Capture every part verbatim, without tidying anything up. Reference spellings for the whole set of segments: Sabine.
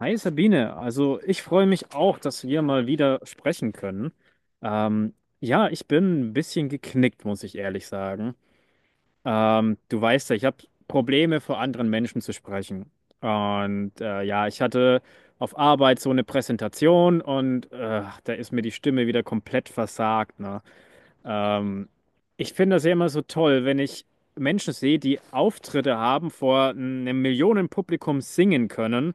Hi Sabine, also ich freue mich auch, dass wir mal wieder sprechen können. Ähm, ja, ich bin ein bisschen geknickt, muss ich ehrlich sagen. Ähm, du weißt ja, ich habe Probleme, vor anderen Menschen zu sprechen. Und äh, ja, ich hatte auf Arbeit so eine Präsentation und äh, da ist mir die Stimme wieder komplett versagt, ne? Ähm, Ich finde das ja immer so toll, wenn ich Menschen sehe, die Auftritte haben, vor einem Millionenpublikum singen können.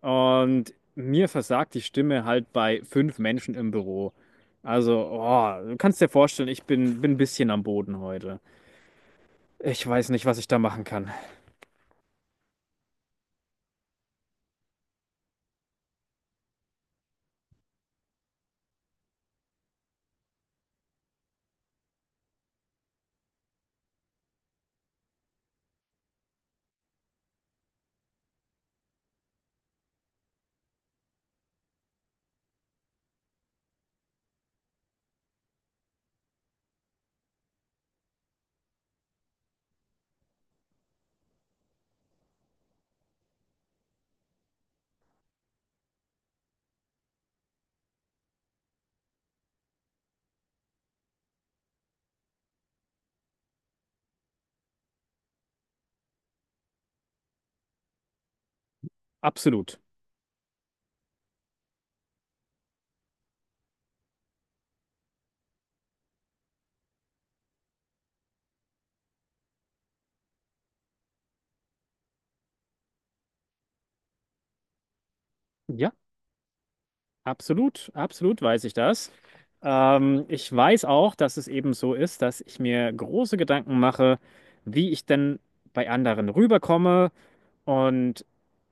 Und mir versagt die Stimme halt bei fünf Menschen im Büro. Also, oh, du kannst dir vorstellen, ich bin, bin ein bisschen am Boden heute. Ich weiß nicht, was ich da machen kann. Absolut. Ja, absolut, absolut weiß ich das. Ähm, ich weiß auch, dass es eben so ist, dass ich mir große Gedanken mache, wie ich denn bei anderen rüberkomme. Und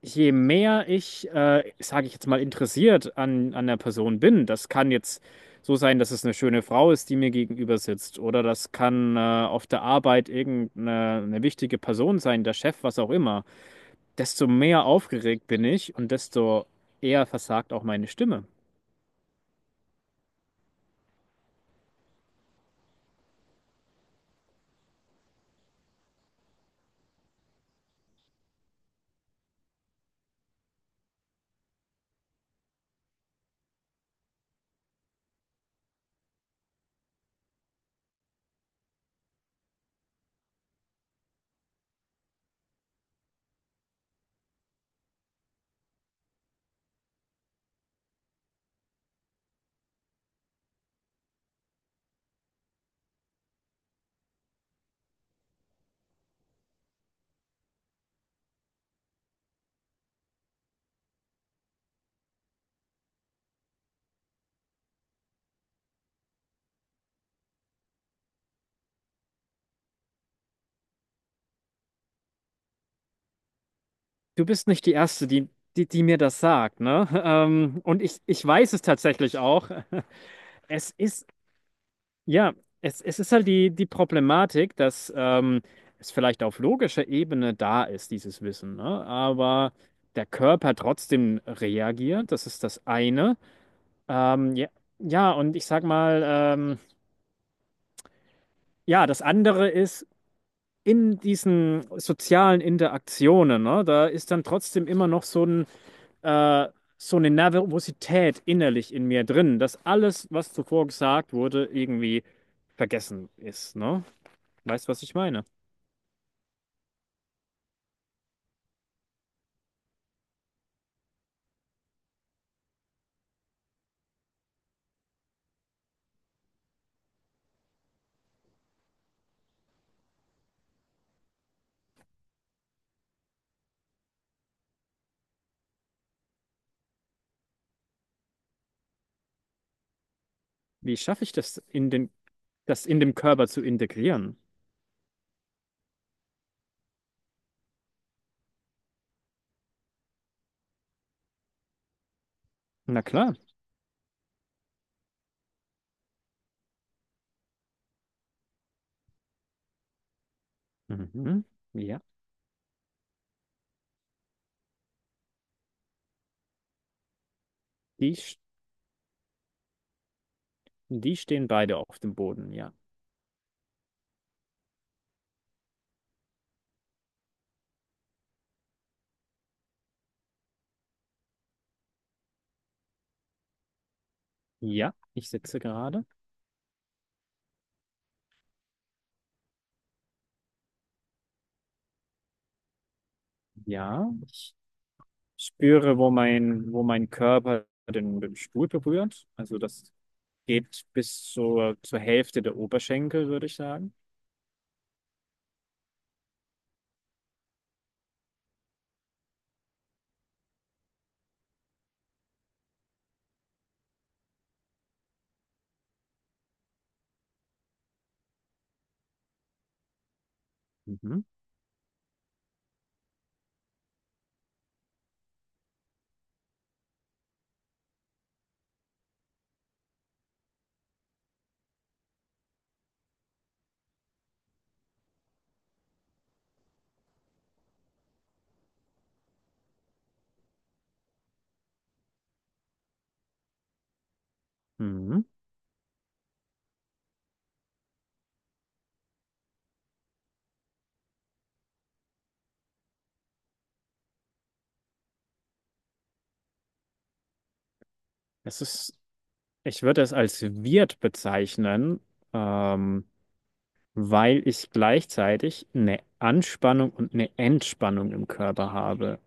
je mehr ich, äh, sage ich jetzt mal, interessiert an, an der Person bin, das kann jetzt so sein, dass es eine schöne Frau ist, die mir gegenüber sitzt, oder das kann äh, auf der Arbeit irgendeine eine wichtige Person sein, der Chef, was auch immer, desto mehr aufgeregt bin ich und desto eher versagt auch meine Stimme. Du bist nicht die Erste, die, die, die mir das sagt, ne? Ähm, und ich, ich weiß es tatsächlich auch. Es ist, ja, es, es ist halt die, die Problematik, dass ähm, es vielleicht auf logischer Ebene da ist, dieses Wissen, ne? Aber der Körper trotzdem reagiert, das ist das eine. Ähm, ja, ja, und ich sag mal, ähm, ja, das andere ist in diesen sozialen Interaktionen, ne? Da ist dann trotzdem immer noch so ein, äh, so eine Nervosität innerlich in mir drin, dass alles, was zuvor gesagt wurde, irgendwie vergessen ist, ne? Weißt du, was ich meine? Wie schaffe ich das in den, das in dem Körper zu integrieren? Na klar. Mhm. Ja. Die, sch- Die stehen beide auf dem Boden, ja. Ja, ich sitze gerade. Ja, ich spüre, wo mein, wo mein Körper den, den Stuhl berührt. Also das geht bis zur, zur Hälfte der Oberschenkel, würde ich sagen. Mhm. Mhm. Es ist, ich würde es als Wirt bezeichnen, ähm, weil ich gleichzeitig eine Anspannung und eine Entspannung im Körper habe.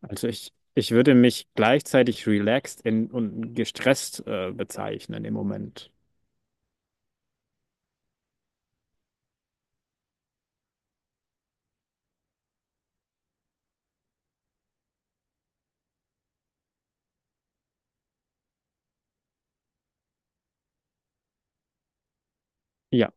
Also ich, ich würde mich gleichzeitig relaxed in, und gestresst äh, bezeichnen im Moment. Ja,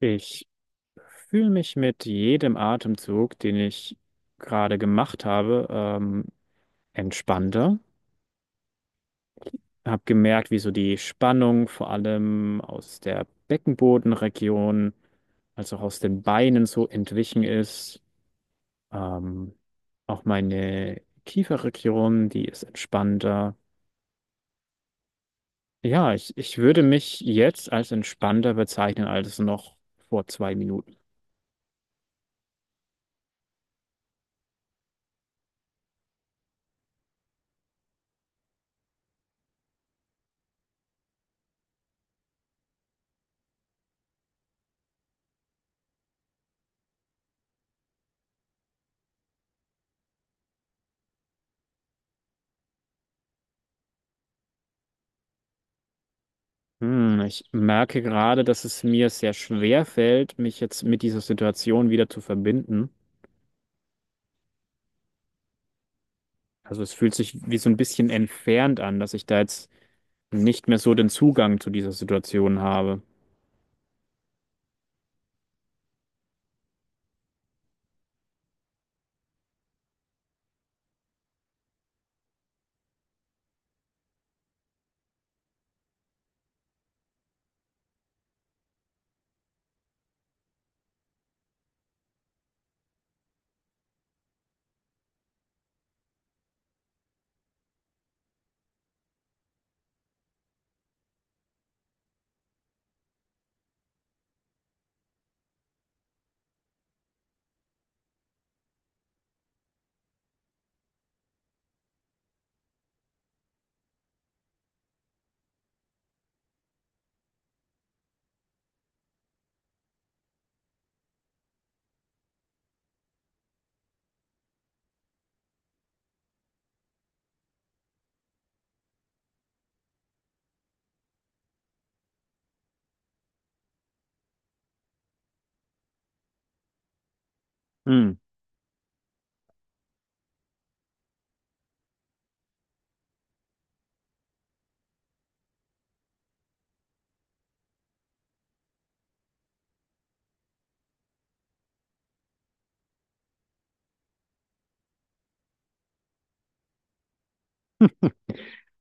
ich fühle mich mit jedem Atemzug, den ich gerade gemacht habe, ähm, entspannter. Habe gemerkt, wie so die Spannung vor allem aus der Beckenbodenregion, als auch aus den Beinen so entwichen ist. Ähm, Auch meine Kieferregion, die ist entspannter. Ja, ich, ich würde mich jetzt als entspannter bezeichnen als noch vor zwei Minuten. Hm, ich merke gerade, dass es mir sehr schwer fällt, mich jetzt mit dieser Situation wieder zu verbinden. Also es fühlt sich wie so ein bisschen entfernt an, dass ich da jetzt nicht mehr so den Zugang zu dieser Situation habe. Hm.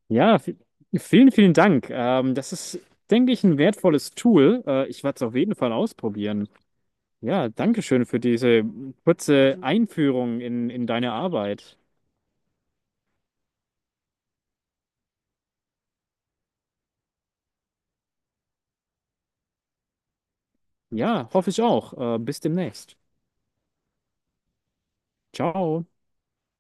Ja, vi- vielen, vielen Dank. Ähm, das ist, denke ich, ein wertvolles Tool. Äh, ich werde es auf jeden Fall ausprobieren. Ja, danke schön für diese kurze Einführung in, in deine Arbeit. Ja, hoffe ich auch. Äh, bis demnächst. Ciao.